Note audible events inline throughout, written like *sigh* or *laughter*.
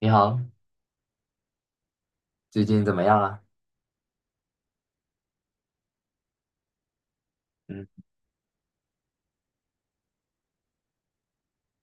你好，最近怎么样啊？嗯，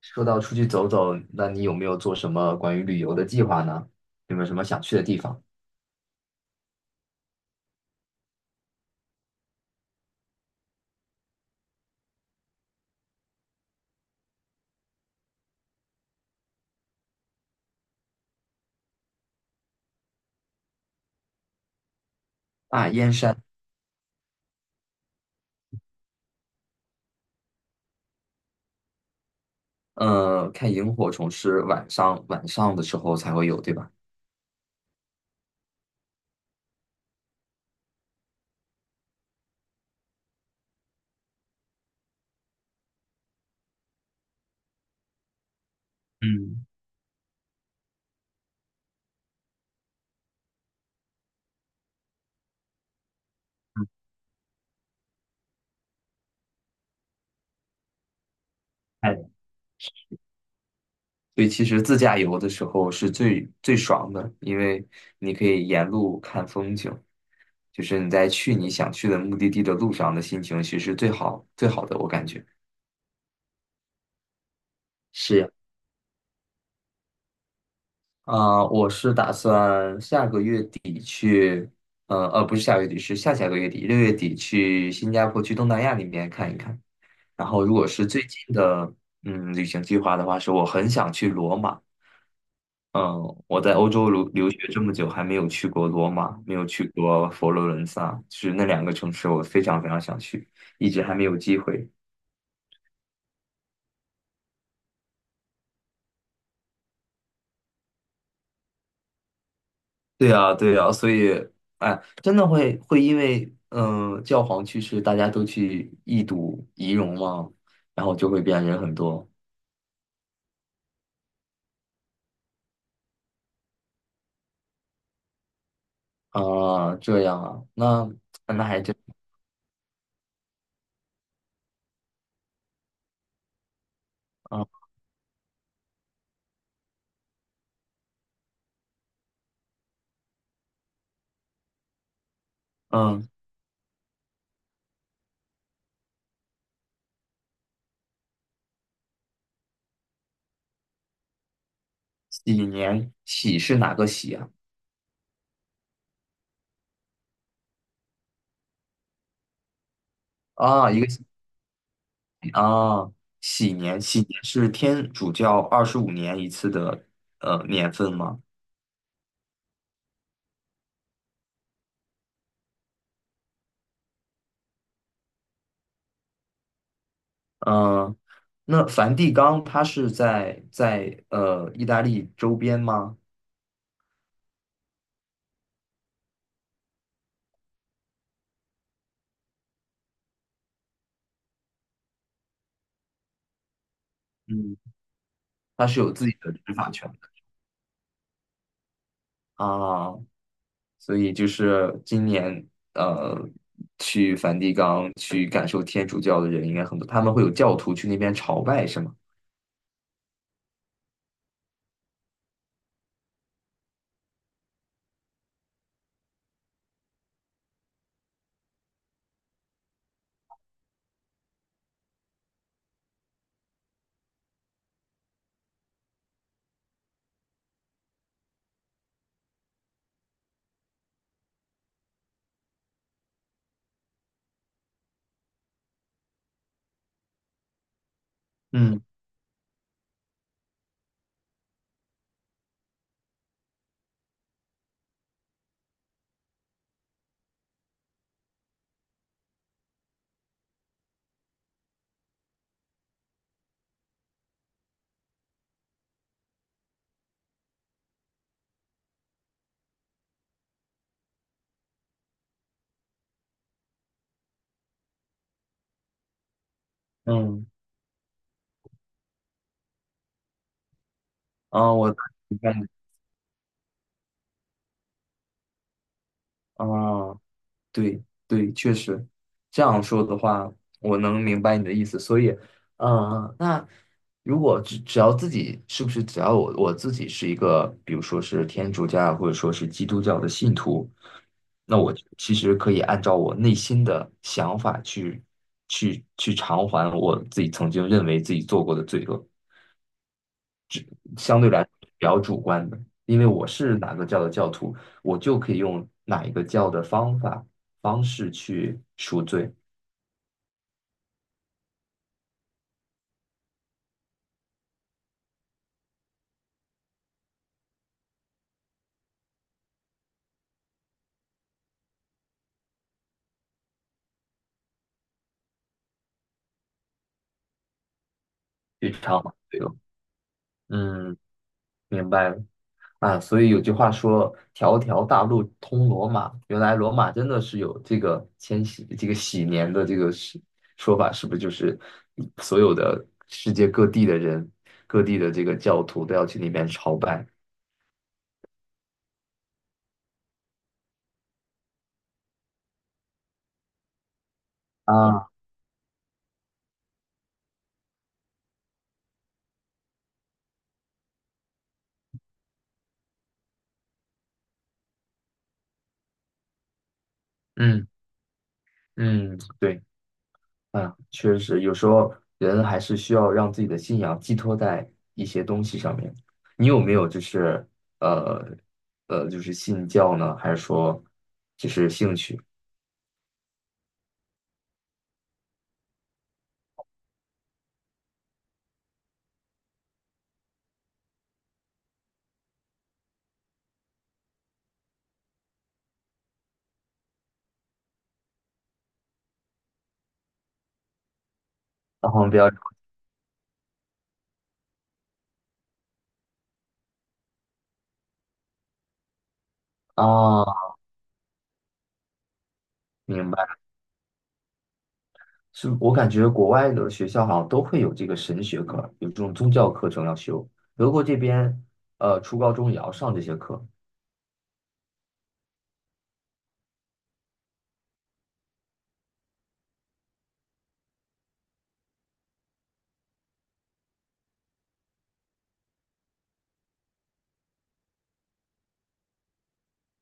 说到出去走走，那你有没有做什么关于旅游的计划呢？有没有什么想去的地方？啊，燕山，看萤火虫是晚上的时候才会有，对吧？嗯，嗯哎，所以其实自驾游的时候是最最爽的，因为你可以沿路看风景，就是你在去你想去的目的地的路上的心情，其实最好最好的，我感觉。是呀。啊、我是打算下个月底去，不是下个月底，是下下个月底，六月底去新加坡，去东南亚那边看一看。然后，如果是最近的，旅行计划的话，是我很想去罗马。嗯，我在欧洲留学这么久，还没有去过罗马，没有去过佛罗伦萨，就是那两个城市，我非常非常想去，一直还没有机会。对呀，对呀，所以，哎，真的会因为，教皇去世，大家都去一睹遗容吗？然后就会变人很多啊，这样啊，那还真啊，嗯，喜年喜是哪个喜啊？啊，一个喜啊，喜年是天主教25年一次的年份吗？嗯，那梵蒂冈它是在意大利周边吗？嗯。它是有自己的执法权的啊，所以就是今年呃，去梵蒂冈去感受天主教的人应该很多，他们会有教徒去那边朝拜，是吗？嗯嗯，啊，我大概明白你，啊。对对，确实，这样说的话，我能明白你的意思。所以，那如果只要自己是不是只要我自己是一个，比如说是天主教或者说是基督教的信徒，那我其实可以按照我内心的想法去偿还我自己曾经认为自己做过的罪恶。相对来说比较主观的，因为我是哪个教的教徒，我就可以用哪一个教的方法方式去赎罪，去偿还罪恶。嗯，明白了啊。所以有句话说“条条大路通罗马”，原来罗马真的是有这个千禧这个禧年的这个是说法，是不是就是所有的世界各地的人、各地的这个教徒都要去那边朝拜啊？嗯嗯，对。嗯，确实，有时候人还是需要让自己的信仰寄托在一些东西上面。你有没有就是呃就是信教呢，还是说就是兴趣？然后比较啊，明白。是我感觉国外的学校好像都会有这个神学课，有这种宗教课程要修。德国这边初高中也要上这些课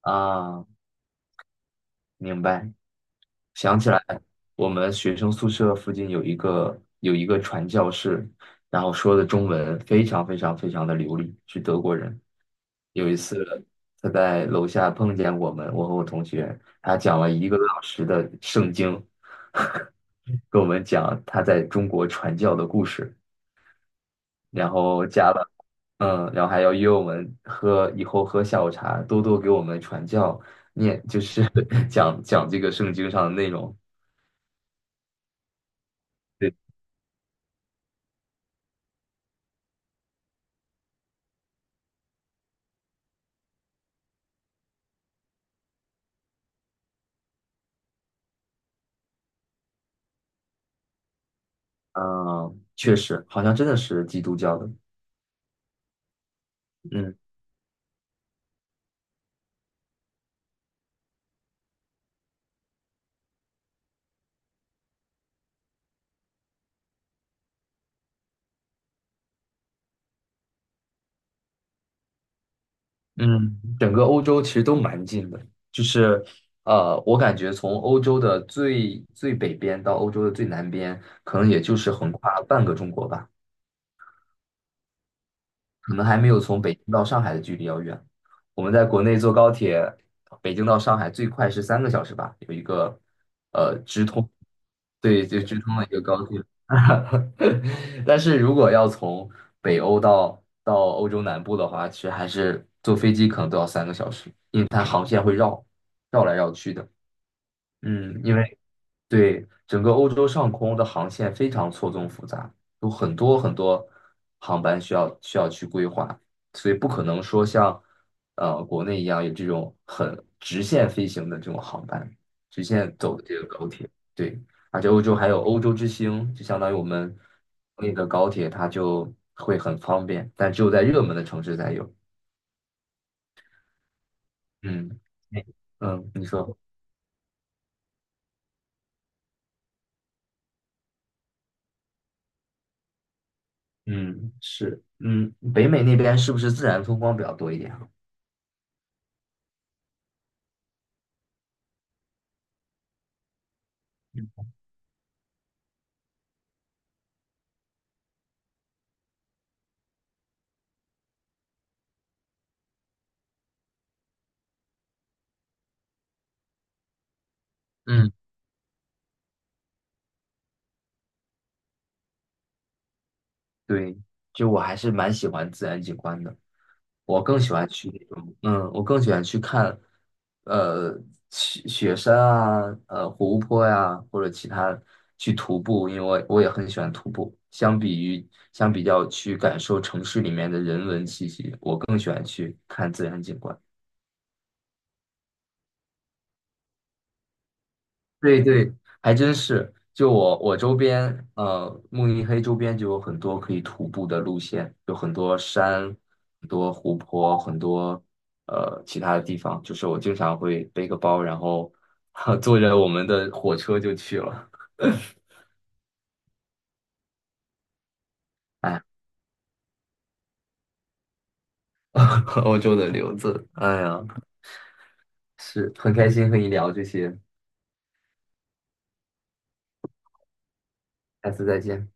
啊，明白。想起来，我们学生宿舍附近有一个传教士，然后说的中文非常非常非常的流利，是德国人。有一次他在楼下碰见我们，我和我同学，他讲了一个多小时的圣经，*laughs* 跟我们讲他在中国传教的故事，然后加了。然后还要约我们喝，以后喝下午茶，多多给我们传教，念就是 *laughs* 讲讲这个圣经上的内容。对。嗯，确实，好像真的是基督教的。嗯嗯，整个欧洲其实都蛮近的，就是我感觉从欧洲的最最北边到欧洲的最南边，可能也就是横跨半个中国吧。可能还没有从北京到上海的距离要远。我们在国内坐高铁，北京到上海最快是三个小时吧，有一个直通，对，就直通的一个高铁。*laughs* 但是如果要从北欧到欧洲南部的话，其实还是坐飞机可能都要三个小时，因为它航线会绕来绕去的。嗯，因为。对，整个欧洲上空的航线非常错综复杂，有很多很多航班需要去规划，所以不可能说像国内一样有这种很直线飞行的这种航班，直线走的这个高铁。对，而且欧洲还有欧洲之星，就相当于我们那个高铁，它就会很方便，但只有在热门的城市才有。嗯哎嗯，你说，嗯是，北美那边是不是自然风光比较多一点啊？嗯。对，就我还是蛮喜欢自然景观的，我更喜欢去那种，我更喜欢去看，呃，雪山啊，湖泊呀、或者其他去徒步，因为我也很喜欢徒步。相比较去感受城市里面的人文气息，我更喜欢去看自然景观。对对，还真是。就我周边，慕尼黑周边就有很多可以徒步的路线，有很多山、很多湖泊、很多其他的地方。就是我经常会背个包，然后 *laughs* 坐着我们的火车就去了。哎，*laughs* 欧洲的留子，哎呀，是很开心和你聊这些，下次再见。